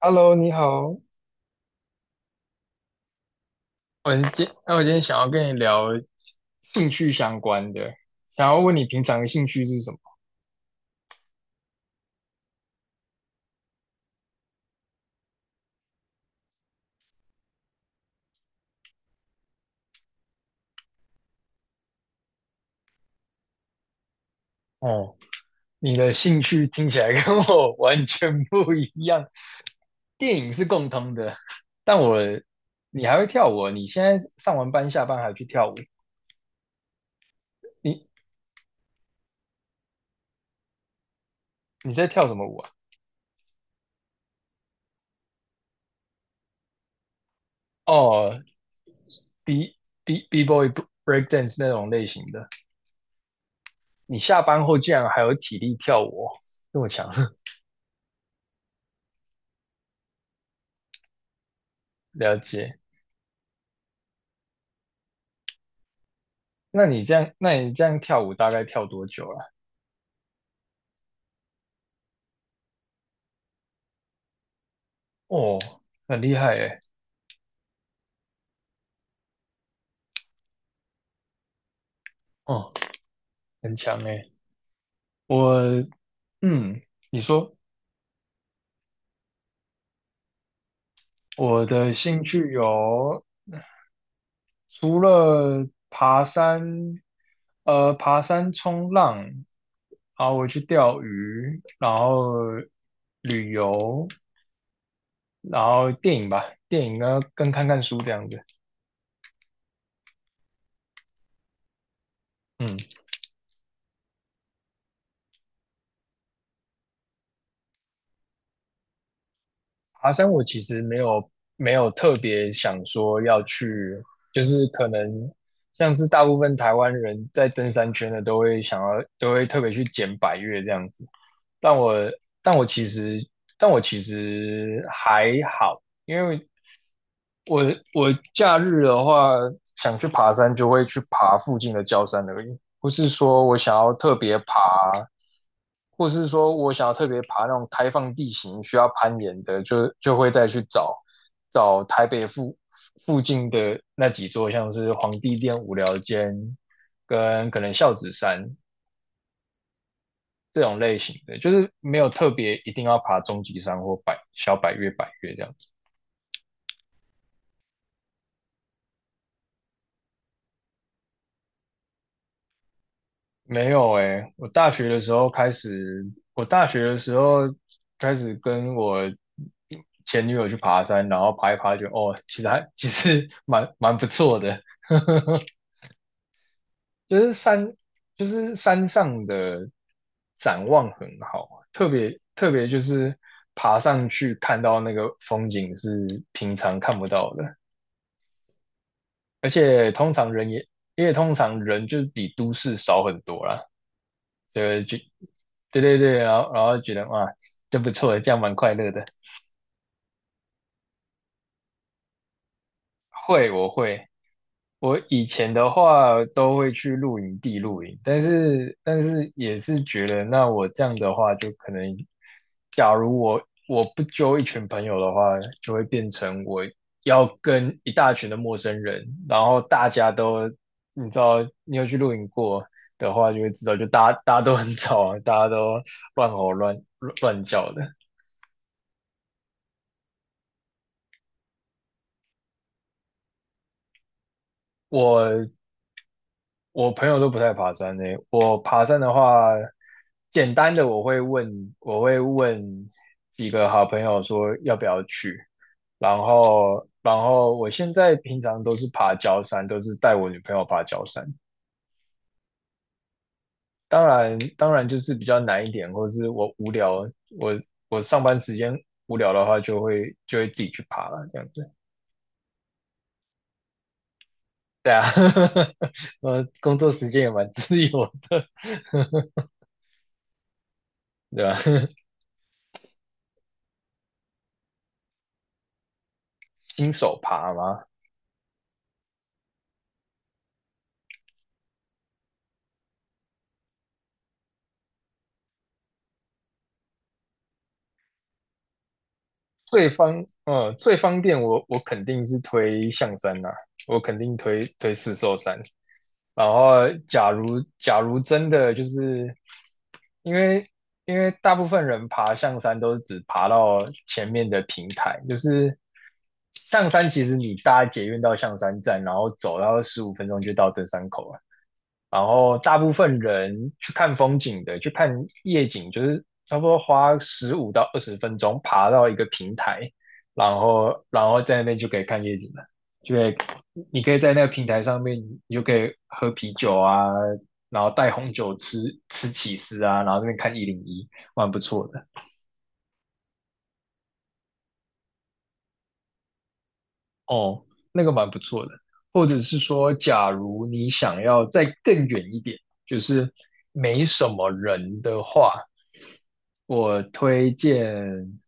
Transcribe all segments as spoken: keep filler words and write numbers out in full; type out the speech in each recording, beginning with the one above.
Hello，你好。我今那我今天想要跟你聊兴趣相关的，想要问你平常的兴趣是什么？哦，你的兴趣听起来跟我 完全不一样。电影是共通的。但我你还会跳舞哦，你现在上完班下班还去跳舞？你你在跳什么舞啊？哦，B B B boy break dance 那种类型的。你下班后竟然还有体力跳舞哦，这么强，了解。那你这样，那你这样跳舞大概跳多久了？哦，很厉害诶，哦，很强诶。我，嗯，你说。我的兴趣有除了爬山，呃，爬山、冲浪，然后我去钓鱼，然后旅游，然后电影吧，电影呢跟看看书这样子。嗯，爬山我其实没有没有特别想说要去，就是可能像是大部分台湾人在登山圈的都会想要都会特别去捡百岳这样子，但我但我其实但我其实还好，因为我我假日的话想去爬山就会去爬附近的郊山而已，不是说我想要特别爬，或是说我想要特别爬那种开放地形需要攀岩的，就就会再去找找台北附附近的那几座，像是皇帝殿、无聊间跟可能孝子山这种类型的，就是没有特别一定要爬终极山或百小百岳、百岳这样。没有诶，我大学的时候开始，我大学的时候开始跟我前女友去爬山，然后爬一爬就，哦，其实还其实蛮蛮不错的，就是山就是山上的展望很好啊，特别特别就是爬上去看到那个风景是平常看不到的，而且通常人也因为通常人就是比都市少很多啦，就就对对对，然后然后觉得哇，真不错，这样蛮快乐的。会，我会，我以前的话都会去露营地露营，但是但是也是觉得，那我这样的话，就可能，假如我我不揪一群朋友的话，就会变成我要跟一大群的陌生人，然后大家都，你知道，你有去露营过的话，就会知道，就大家大家都很吵啊，大家都乱吼乱乱乱叫的。我我朋友都不太爬山呢。我爬山的话，简单的我会问，我会问几个好朋友说要不要去，然后然后我现在平常都是爬郊山，都是带我女朋友爬郊山。当然当然就是比较难一点，或者是我无聊，我我上班时间无聊的话，就会就会自己去爬了这样子。对啊，呃，工作时间也蛮 自由的，对吧？新手爬吗？最方，呃，最方便我我肯定是推象山呐。我肯定推推四兽山。然后，假如假如真的就是因为因为大部分人爬象山都是只爬到前面的平台，就是象山其实你搭捷运到象山站，然后走，然后十五分钟就到登山口了。然后大部分人去看风景的，去看夜景，就是差不多花十五到二十分钟爬到一个平台，然后然后在那边就可以看夜景了，就可以你可以在那个平台上面，你就可以喝啤酒啊，然后带红酒吃吃起司啊，然后这边看一零一，蛮不错的。哦，那个蛮不错的。或者是说，假如你想要再更远一点，就是没什么人的话，我推荐，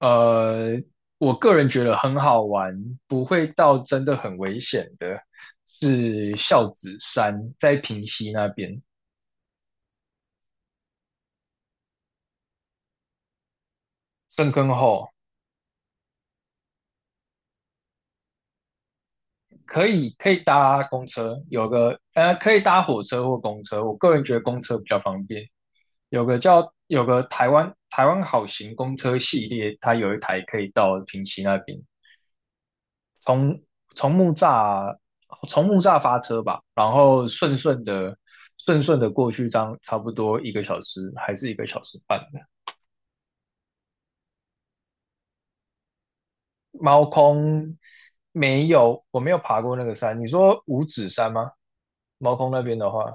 呃，我个人觉得很好玩，不会到真的很危险的，是孝子山，在平溪那边，深坑后可以可以搭公车，有个呃可以搭火车或公车，我个人觉得公车比较方便，有个叫有个台湾台湾好行公车系列，它有一台可以到平溪那边，从木栅从木栅发车吧，然后顺顺的顺顺的过去，这样差不多一个小时还是一个小时半的。猫空没有，我没有爬过那个山。你说五指山吗？猫空那边的话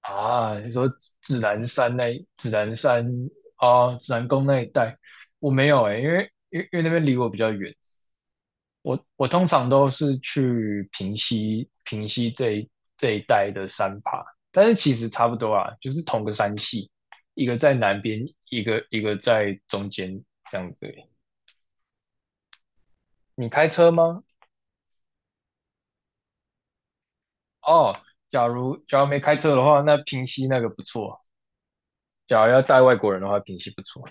啊，你说指南山那指南山啊，哦指南宫那一带，我没有诶，因为因为因为那边离我比较远。我我通常都是去平溪平溪这一这一带的山爬，但是其实差不多啊，就是同个山系，一个在南边，一个一个在中间这样子而已。你开车吗？哦，假如假如没开车的话，那平溪那个不错。假如要带外国人的话，平溪不错，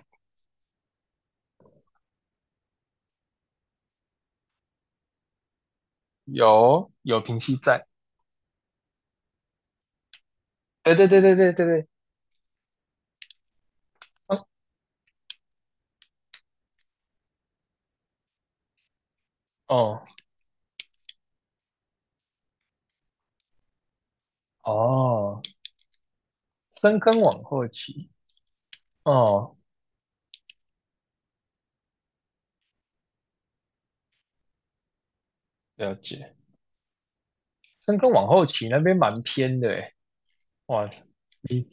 有有平溪在。对对对对对对对。哦哦，深坑往后骑。哦，了解。深坑往后骑那边蛮偏的欸。哇，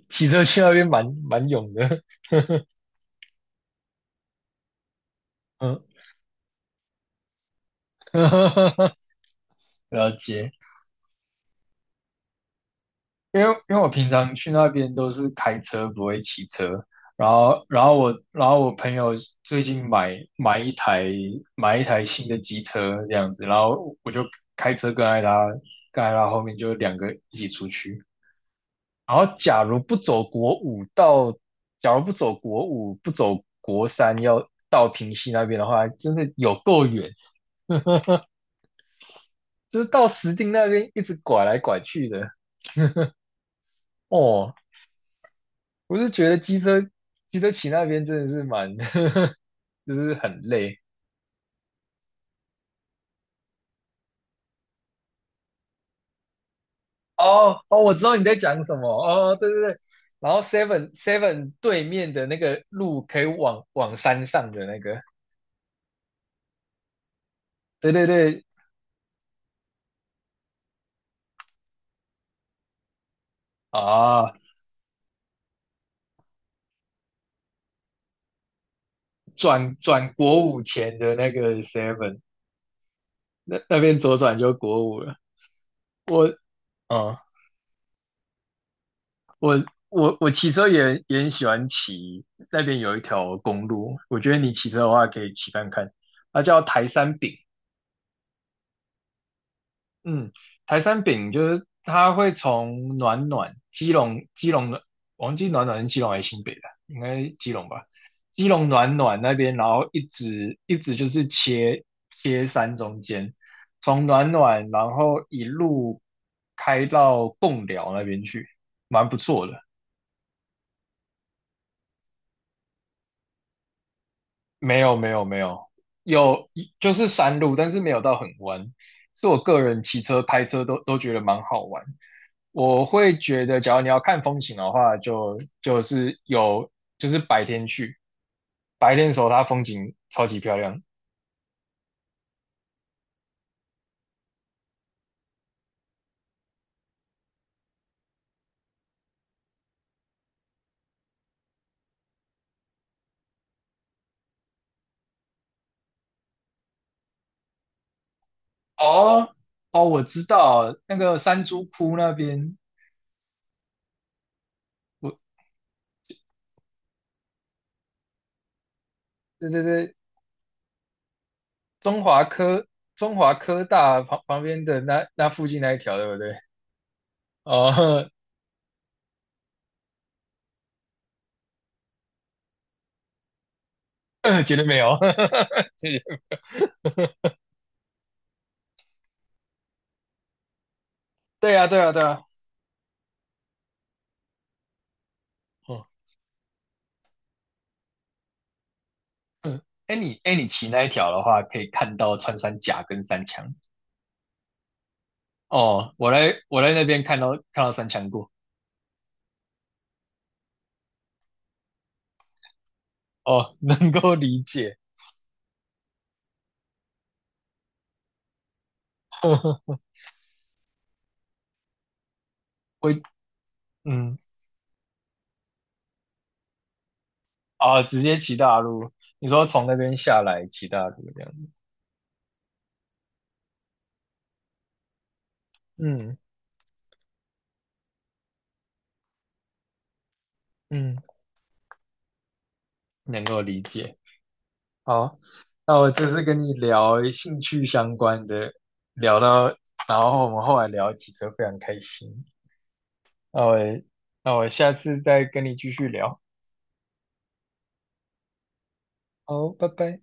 骑车去那边蛮蛮勇的，嗯，了解。因为因为我平常去那边都是开车，不会骑车。然后然后我然后我朋友最近买买一台买一台新的机车这样子，然后我就开车跟艾拉跟艾拉后面就两个一起出去。然后假如不走国五到，假如不走国五不走国三要到平溪那边的话，真的有够远。就是到石碇那边一直拐来拐去的。哦，我是觉得机车机车骑那边真的是蛮，就是很累。哦哦，我知道你在讲什么。哦，对对对。然后 Seven Seven 对面的那个路可以往往山上的那个，对对对啊，转转国五前的那个 Seven，那那边左转就国五了。我嗯，我我我骑车也也很喜欢骑，那边有一条公路，我觉得你骑车的话可以骑看看，它叫台山饼。嗯，台山饼就是它会从暖暖基隆基隆的，我忘记暖暖是基隆还是新北的，应该是基隆吧？基隆暖暖那边，然后一直一直就是切切山中间，从暖暖然后一路开到贡寮那边去，蛮不错的。没有没有没有，有就是山路，但是没有到很弯。是我个人骑车、拍车都都觉得蛮好玩。我会觉得，假如你要看风景的话，就就是有就是白天去，白天的时候它风景超级漂亮。哦哦，我知道那个山猪窟那边。我对对对，中华科中华科大旁旁边的那那附近那一条，对不对？哦，绝对没有，谢谢。对啊，对啊，对啊。哦，哎，你哎，你骑那一条的话，可以看到穿山甲跟山羌。哦，我来我来那边看到看到山墙过。哦，能够理解。我嗯啊，直接骑大路。你说从那边下来骑大路这样子。嗯嗯，能够理解。好，那我这次跟你聊兴趣相关的，聊到，然后我们后来聊几则，非常开心。那我那我下次再跟你继续聊。好，拜拜。